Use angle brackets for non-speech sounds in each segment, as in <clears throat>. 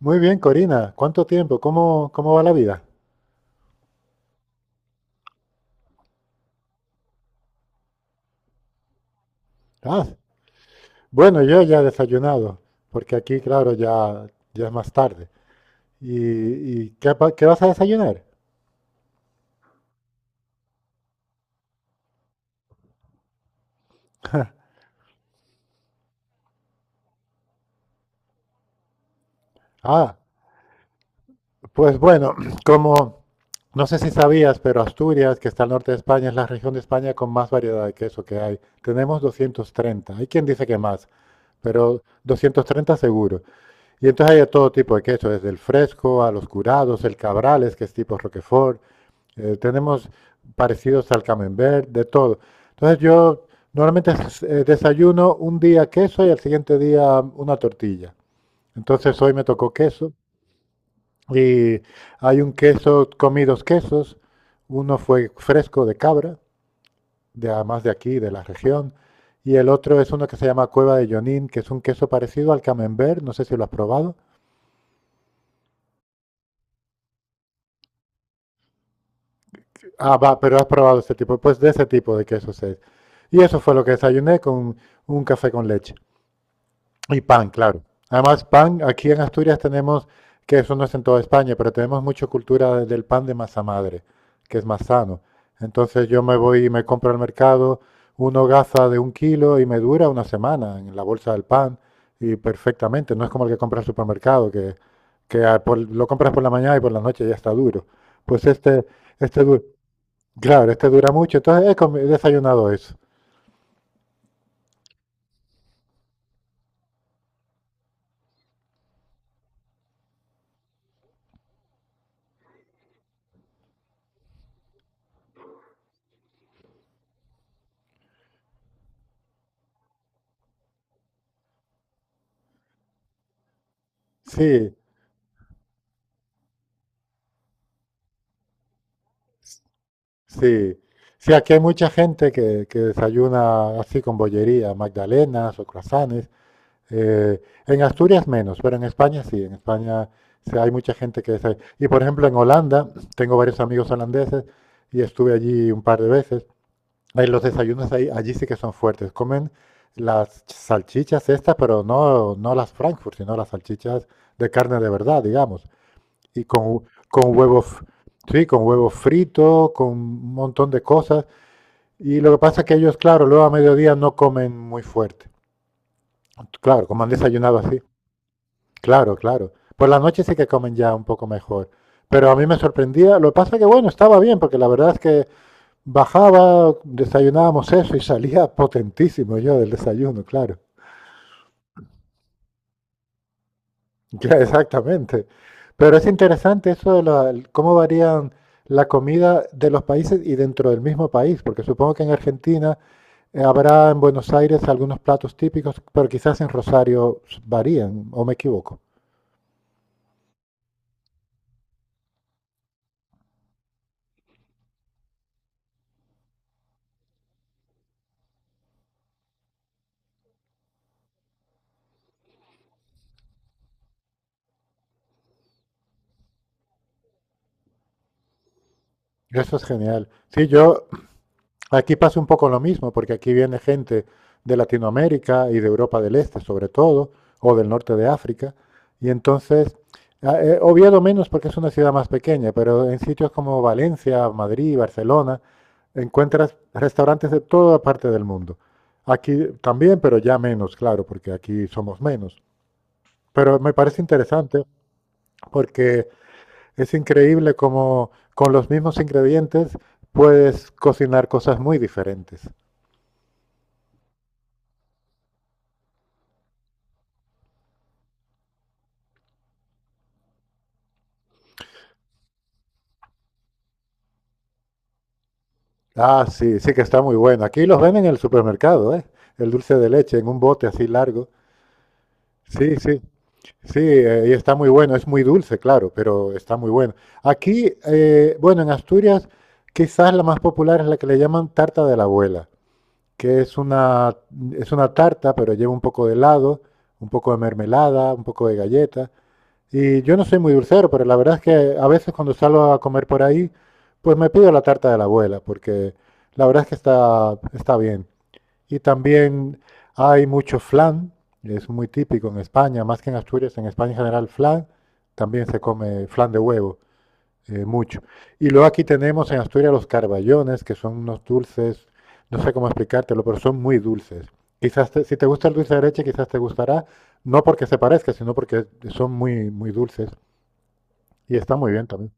Muy bien, Corina. ¿Cuánto tiempo? ¿¿Cómo va la vida? Ah, bueno, yo ya he desayunado, porque aquí, claro, ya es más tarde. ¿ Qué vas a desayunar? <laughs> Ah, pues bueno, <clears throat> como no sé si sabías, pero Asturias, que está al norte de España, es la región de España con más variedad de queso que hay. Tenemos 230. Hay quien dice que más, pero 230 seguro. Y entonces hay de todo tipo de queso, desde el fresco a los curados, el cabrales, que es tipo Roquefort. Tenemos parecidos al camembert, de todo. Entonces yo normalmente desayuno un día queso y al siguiente día una tortilla. Entonces hoy me tocó queso y hay un queso, comí dos quesos. Uno fue fresco de cabra, de, además de aquí, de la región. Y el otro es uno que se llama Cueva de Jonín, que es un queso parecido al camembert, no sé si lo has probado. Ah, va, pero has probado este tipo, pues de ese tipo de quesos es. Y eso fue lo que desayuné con un café con leche. Y pan, claro. Además, pan, aquí en Asturias tenemos, que eso no es en toda España, pero tenemos mucha cultura del pan de masa madre, que es más sano. Entonces yo me voy y me compro al mercado una hogaza de 1 kilo y me dura una semana en la bolsa del pan y perfectamente. No es como el que compra al supermercado, que lo compras por la mañana y por la noche ya está duro. Pues este, claro, este dura mucho. Entonces he desayunado eso. Sí, sí, sí, aquí hay mucha gente que desayuna así con bollería, magdalenas o croissants. eh, en Asturias menos, pero en España sí hay mucha gente que desayuna. Y por ejemplo en Holanda, tengo varios amigos holandeses y estuve allí un par de veces. Ahí los desayunos ahí, Allí sí que son fuertes. Comen las salchichas estas, pero no, no las Frankfurt, sino las salchichas de carne de verdad, digamos. Y con huevos, sí, con huevo frito, con un montón de cosas. Y lo que pasa es que ellos, claro, luego a mediodía no comen muy fuerte. Claro, como han desayunado así. Claro, claro. Por la noche sí que comen ya un poco mejor. Pero a mí me sorprendía. Lo que pasa es que, bueno, estaba bien, porque la verdad es que bajaba, desayunábamos eso y salía <laughs> potentísimo yo del desayuno, claro. <laughs> Ya, exactamente. Pero es interesante eso de cómo varían la comida de los países y dentro del mismo país, porque supongo que en Argentina habrá en Buenos Aires algunos platos típicos, pero quizás en Rosario varían, o me equivoco. Eso es genial. Sí, yo aquí pasa un poco lo mismo, porque aquí viene gente de Latinoamérica y de Europa del Este, sobre todo, o del norte de África, y entonces, Oviedo menos porque es una ciudad más pequeña, pero en sitios como Valencia, Madrid, Barcelona, encuentras restaurantes de toda parte del mundo. Aquí también, pero ya menos, claro, porque aquí somos menos. Pero me parece interesante. Porque es increíble cómo con los mismos ingredientes puedes cocinar cosas muy diferentes. Ah, sí, sí que está muy bueno. Aquí los venden en el supermercado, ¿eh? El dulce de leche en un bote así largo. Sí, sí, sí, y está muy bueno. Es muy dulce, claro, pero está muy bueno. Bueno, en Asturias quizás la más popular es la que le llaman tarta de la abuela, que es una, es una tarta, pero lleva un poco de helado, un poco de mermelada, un poco de galleta. Y yo no soy muy dulcero, pero la verdad es que a veces cuando salgo a comer por ahí, pues me pido la tarta de la abuela, porque la verdad es que está bien. Y también hay mucho flan, es muy típico en España, más que en Asturias, en España en general flan, también se come flan de huevo, mucho. Y luego aquí tenemos en Asturias los carballones, que son unos dulces, no sé cómo explicártelo, pero son muy dulces. Si te gusta el dulce de leche, quizás te gustará, no porque se parezca, sino porque son muy dulces. Y está muy bien también.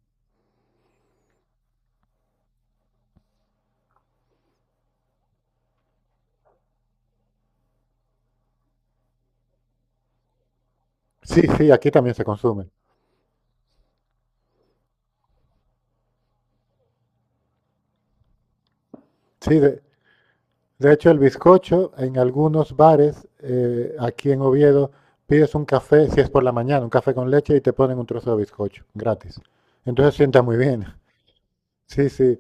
Sí, sí, aquí también se consume. Sí, de hecho el bizcocho en algunos bares aquí en Oviedo pides un café, si es por la mañana, un café con leche y te ponen un trozo de bizcocho gratis. Entonces sienta muy bien. Sí, sí.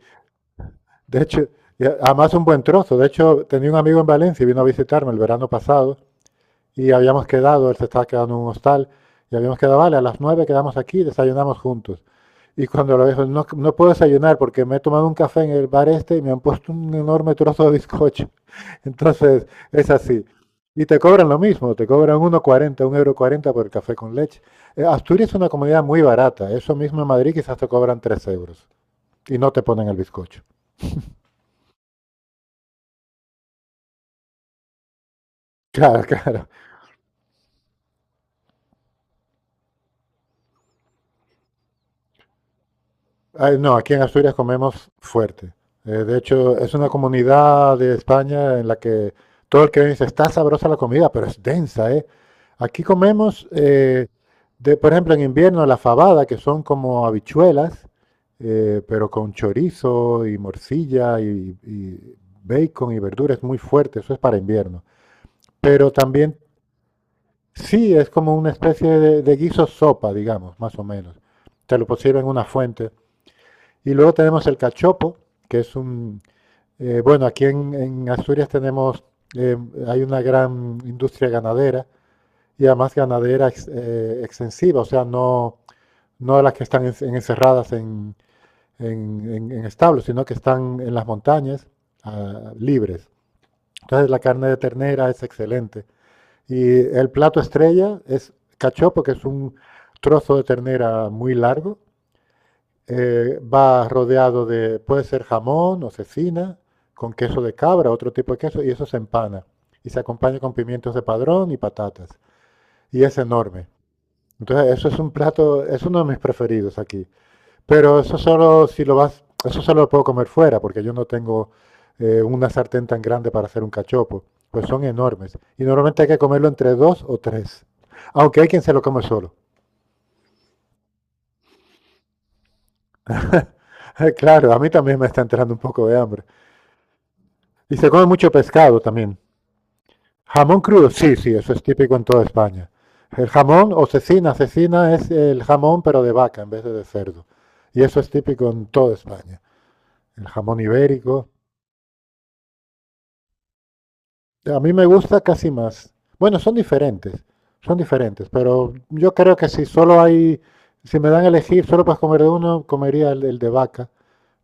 De hecho, y además un buen trozo. De hecho, tenía un amigo en Valencia y vino a visitarme el verano pasado y habíamos quedado, él se estaba quedando en un hostal y habíamos quedado, vale, a las 9 quedamos aquí y desayunamos juntos. Y cuando lo dijo, no, no puedo desayunar porque me he tomado un café en el bar este y me han puesto un enorme trozo de bizcocho. <laughs> Entonces, es así. Y te cobran lo mismo, te cobran uno cuarenta 1,40 € por el café con leche. Asturias es una comunidad muy barata, eso mismo en Madrid quizás te cobran 3 € y no te ponen el bizcocho. <laughs> Claro, claro. Ay, no, aquí en Asturias comemos fuerte. De hecho, es una comunidad de España en la que todo el que viene dice, está sabrosa la comida, pero es densa, ¿eh? Aquí comemos, por ejemplo, en invierno la fabada, que son como habichuelas, pero con chorizo y morcilla y bacon y verduras muy fuerte, eso es para invierno. Pero también, sí, es como una especie de guiso sopa, digamos, más o menos. Te lo pusieron en una fuente. Y luego tenemos el cachopo, que es un... bueno, en Asturias tenemos, eh, hay una gran industria ganadera y además ganadera extensiva, o sea, no, no las que están encerradas en establos, sino que están en las montañas libres. Entonces la carne de ternera es excelente. Y el plato estrella es cachopo, que es un trozo de ternera muy largo, va rodeado de, puede ser jamón o cecina, con queso de cabra, otro tipo de queso, y eso se empana. Y se acompaña con pimientos de padrón y patatas. Y es enorme. Entonces, eso es un plato, es uno de mis preferidos aquí. Pero eso solo si lo vas, eso solo lo puedo comer fuera, porque yo no tengo una sartén tan grande para hacer un cachopo. Pues son enormes. Y normalmente hay que comerlo entre dos o tres. Aunque hay quien se lo come solo. <laughs> Claro, a mí también me está entrando un poco de hambre. Y se come mucho pescado también. Jamón crudo, sí, sí, eso es típico en toda España. El jamón o cecina, cecina es el jamón pero de vaca en vez de cerdo. Y eso es típico en toda España. El jamón ibérico. A mí me gusta casi más. Bueno, son diferentes, pero yo creo que si solo hay, si me dan a elegir, solo para comer de uno, comería el de vaca,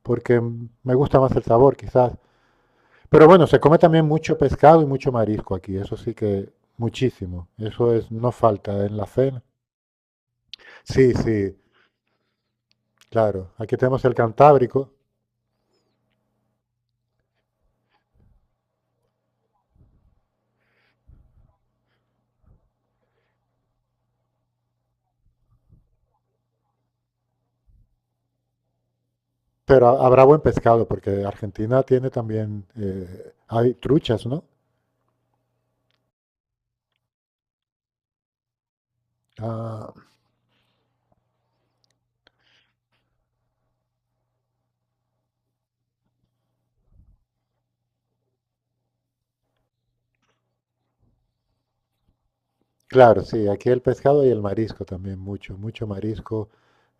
porque me gusta más el sabor quizás. Pero bueno, se come también mucho pescado y mucho marisco aquí, eso sí que muchísimo. Eso es, no falta en la cena. Sí, sí, claro. Aquí tenemos el Cantábrico, pero habrá buen pescado, porque Argentina tiene también, hay truchas, ¿no? Ah, claro, sí, aquí el pescado y el marisco también, mucho, mucho marisco,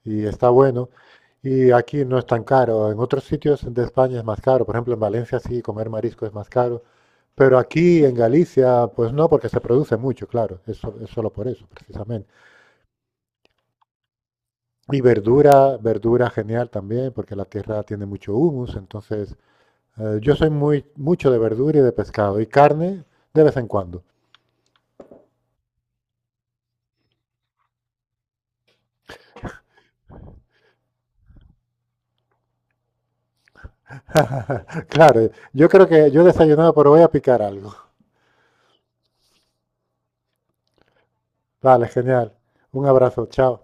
y está bueno. Y aquí no es tan caro, en otros sitios de España es más caro, por ejemplo en Valencia sí, comer marisco es más caro, pero aquí en Galicia, pues no, porque se produce mucho, claro, es, es solo por eso, precisamente. Y verdura, verdura genial también, porque la tierra tiene mucho humus, entonces yo soy mucho de verdura y de pescado y carne de vez en cuando. <laughs> Claro, yo creo que yo he desayunado, pero voy a picar algo. Vale, genial. Un abrazo, chao.